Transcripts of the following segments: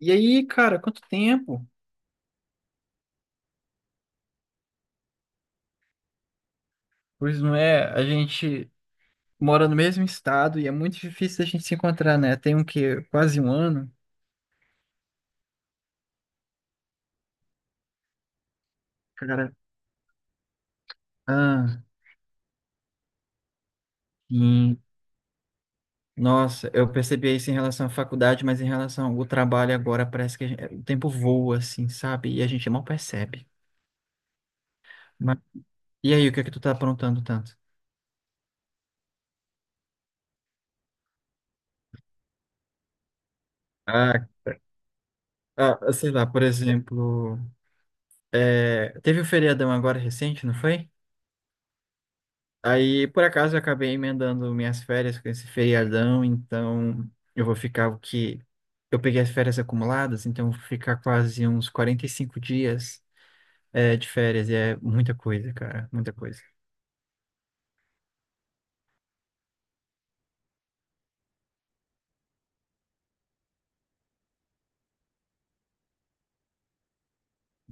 E aí, cara, quanto tempo? Pois não é, a gente mora no mesmo estado e é muito difícil a gente se encontrar, né? Tem um que quase um ano. Cara, ah, sim. Nossa, eu percebi isso em relação à faculdade, mas em relação ao trabalho agora parece que o tempo voa, assim, sabe? E a gente mal percebe. Mas- e aí, o que é que tu tá aprontando tanto? Ah, Sei lá, por exemplo, teve o feriadão agora recente, não foi? Aí, por acaso, eu acabei emendando minhas férias com esse feriadão, então eu vou ficar o que. Eu peguei as férias acumuladas, então eu vou ficar quase uns 45 dias de férias, e é muita coisa.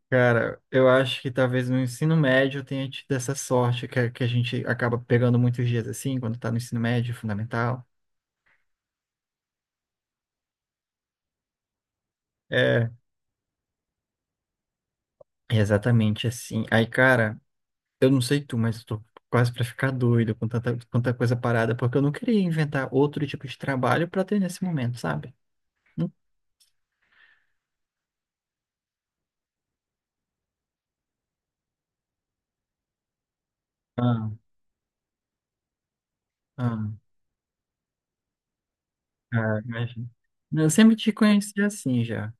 Cara, eu acho que talvez no ensino médio eu tenha tido essa sorte, que a gente acaba pegando muitos dias assim, quando tá no ensino médio, fundamental. É, é exatamente assim. Aí, cara. Eu não sei tu, mas eu tô quase pra ficar doido com tanta, tanta coisa parada, porque eu não queria inventar outro tipo de trabalho pra ter nesse momento, sabe? Não. Ah, ah, Imagina. Eu sempre te conheci assim já.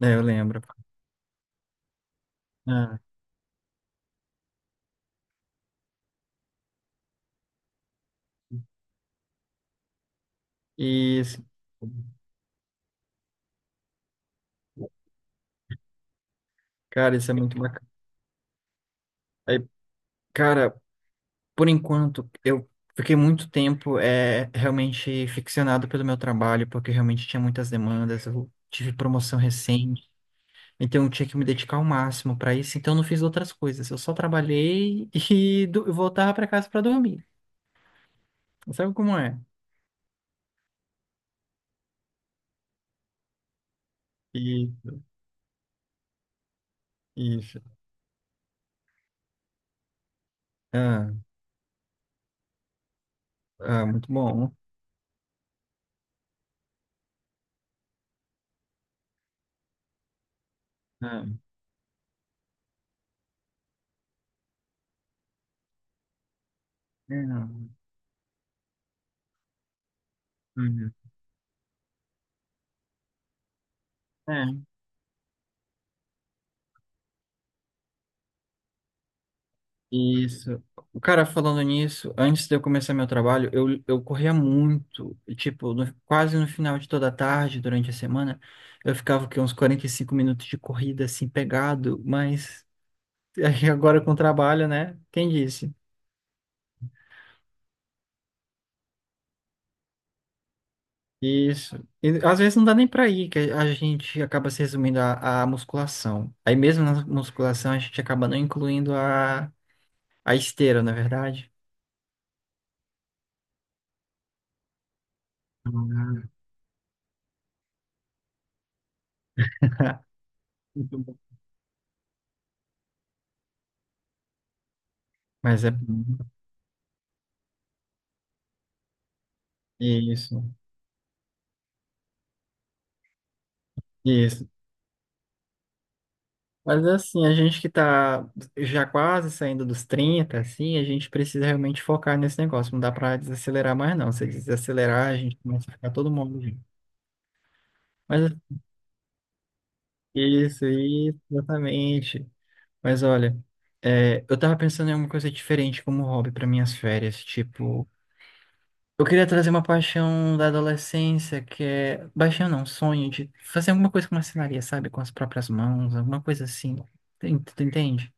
É, eu lembro. Ah, e, esse- Cara, isso é muito bacana. Aí, cara, por enquanto, eu fiquei muito tempo realmente ficcionado pelo meu trabalho, porque realmente tinha muitas demandas. Eu tive promoção recente. Então eu tinha que me dedicar ao máximo para isso, então eu não fiz outras coisas. Eu só trabalhei e voltava para casa para dormir. Sabe como é? E isso. Ah, Muito bom. Ah, é, uhum. É, isso. O cara falando nisso, antes de eu começar meu trabalho, eu corria muito, e, tipo, quase no final de toda a tarde, durante a semana, eu ficava que uns 45 minutos de corrida assim pegado, mas aí agora com o trabalho, né? Quem disse? Isso. E, às vezes não dá nem pra ir, que a gente acaba se resumindo à musculação. Aí mesmo na musculação a gente acaba não incluindo a esteira, na é verdade. Muito bom. Mas é isso, isso. Mas assim, a gente que tá já quase saindo dos 30 assim, a gente precisa realmente focar nesse negócio. Não dá pra desacelerar mais, não. Se desacelerar, a gente começa a ficar todo mundo junto. Mas é isso, isso, exatamente. Mas olha, eu tava pensando em alguma coisa diferente como hobby para minhas férias. Tipo, eu queria trazer uma paixão da adolescência, que é. Paixão não, sonho de fazer alguma coisa com marcenaria, sabe? Com as próprias mãos, alguma coisa assim. Tem- Tu entende?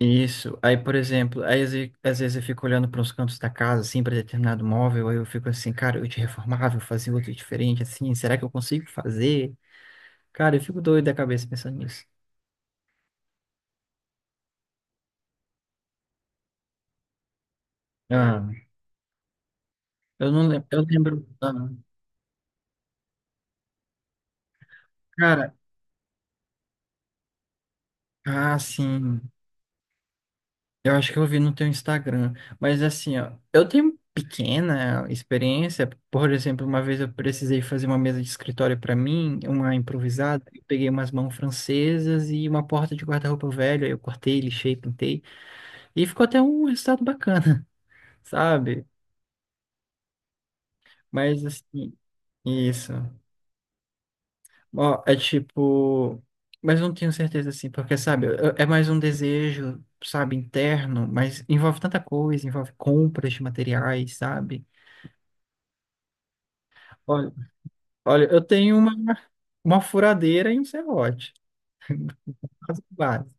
Isso. Aí, por exemplo, aí às vezes eu fico olhando para os cantos da casa, assim, para determinado móvel, aí eu fico assim, cara, eu te reformava, eu fazia outro diferente, assim, será que eu consigo fazer? Cara, eu fico doido da cabeça pensando nisso. Ah, eu não lembro, eu lembro, cara. Sim. Eu acho que eu vi no teu Instagram. Mas assim, ó, eu tenho pequena experiência. Por exemplo, uma vez eu precisei fazer uma mesa de escritório para mim, uma improvisada. Eu peguei umas mãos francesas e uma porta de guarda-roupa velho. Aí eu cortei, lixei, pintei. E ficou até um resultado bacana, sabe? Mas assim, isso. Ó, é tipo. Mas não tenho certeza assim, porque, sabe, eu- é mais um desejo, sabe, interno, mas envolve tanta coisa, envolve compras de materiais, sabe? Olha, olha, eu tenho uma furadeira e um serrote, base, base.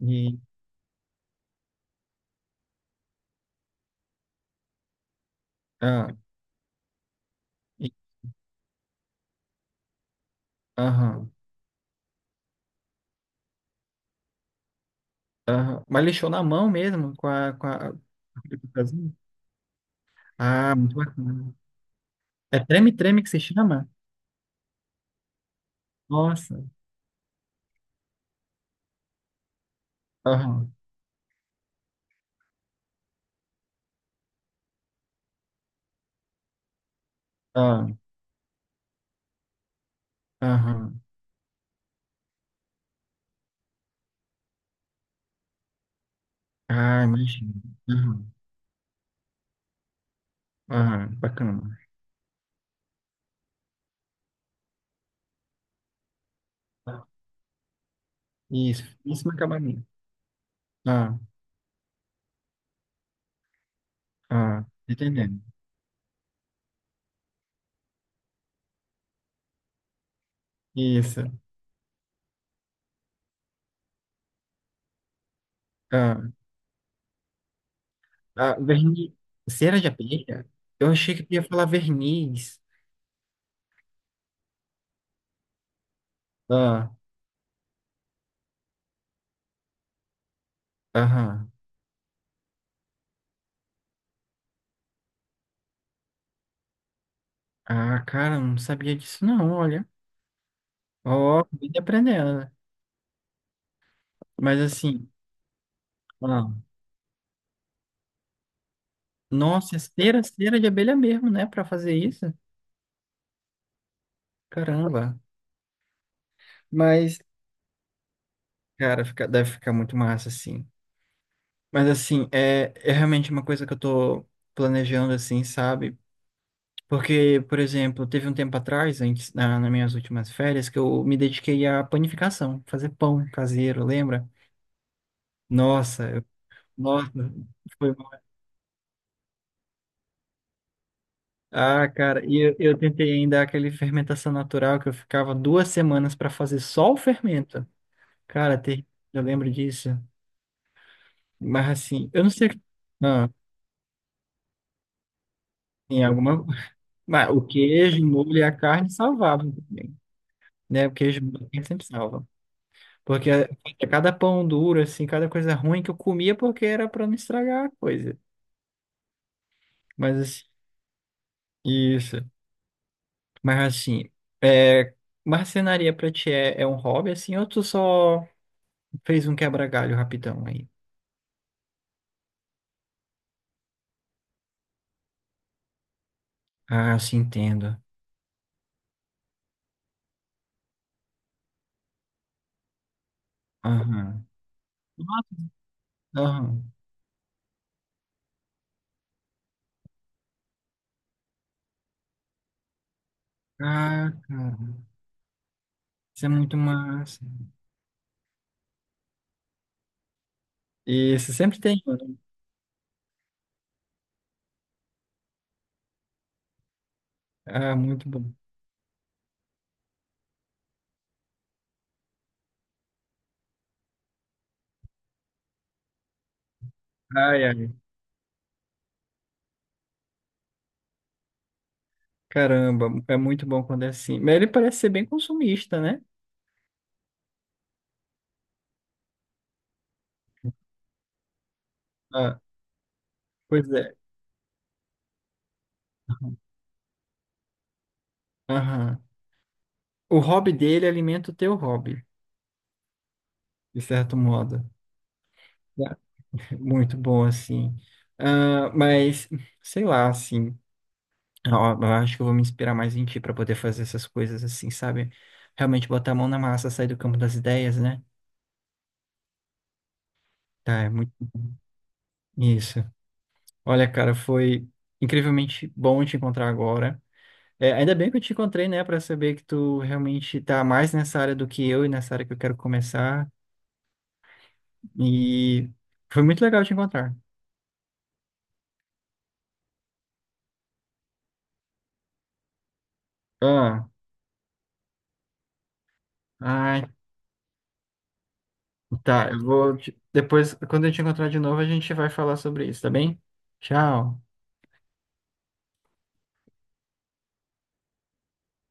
E, ah, e, aham, aham. Mas lixou na mão mesmo, com a... Ah, muito bacana. É treme-treme que se chama? Nossa. Aham, aham, aham. Ah, imagina. Ah, bacana. Isso no acabamento. Ah, entendendo. Isso. Ah, verniz. Cera de abelha? Eu achei que ia falar verniz. Ah, aham. Ah, cara, eu não sabia disso, não, olha. Ó, vim aprendendo, né? Mas assim, ah, nossa, é cera, cera de abelha mesmo, né? Pra fazer isso. Caramba. Mas, cara, fica- deve ficar muito massa, assim. Mas assim, é, é realmente uma coisa que eu tô planejando, assim, sabe? Porque, por exemplo, teve um tempo atrás, antes, na, nas minhas últimas férias, que eu me dediquei à panificação, fazer pão caseiro, lembra? Nossa, nossa, foi bom. Ah, cara, e eu tentei ainda aquele fermentação natural que eu ficava 2 semanas para fazer só o fermento. Cara, eu lembro disso. Mas assim, eu não sei. Ah, tem alguma. Mas o queijo, o molho e a carne salvavam também, né? O queijo e a carne sempre salva. Porque cada pão duro, assim, cada coisa ruim que eu comia porque era pra não estragar a coisa. Mas assim, isso. Mas assim, é, marcenaria pra ti é, é um hobby, assim, ou tu só fez um quebra-galho rapidão aí? Ah, sim, entendo. Aham. Nossa. Aham. Ah, cara, isso é muito massa. Isso, sempre tem um, né? Ah, muito bom. Ai, ai. Caramba, é muito bom quando é assim. Mas ele parece ser bem consumista, né? Ah, pois é. Aham. O hobby dele alimenta o teu hobby, de certo modo, né? Muito bom, assim. Ah, mas, sei lá, assim, ó, eu acho que eu vou me inspirar mais em ti para poder fazer essas coisas assim, sabe? Realmente botar a mão na massa, sair do campo das ideias, né? Tá, é muito isso. Olha, cara, foi incrivelmente bom te encontrar agora. É, ainda bem que eu te encontrei, né, para saber que tu realmente tá mais nessa área do que eu e nessa área que eu quero começar. E foi muito legal te encontrar. Ah, ah, Tá, eu vou. Depois, quando eu te encontrar de novo, a gente vai falar sobre isso, tá bem? Tchau.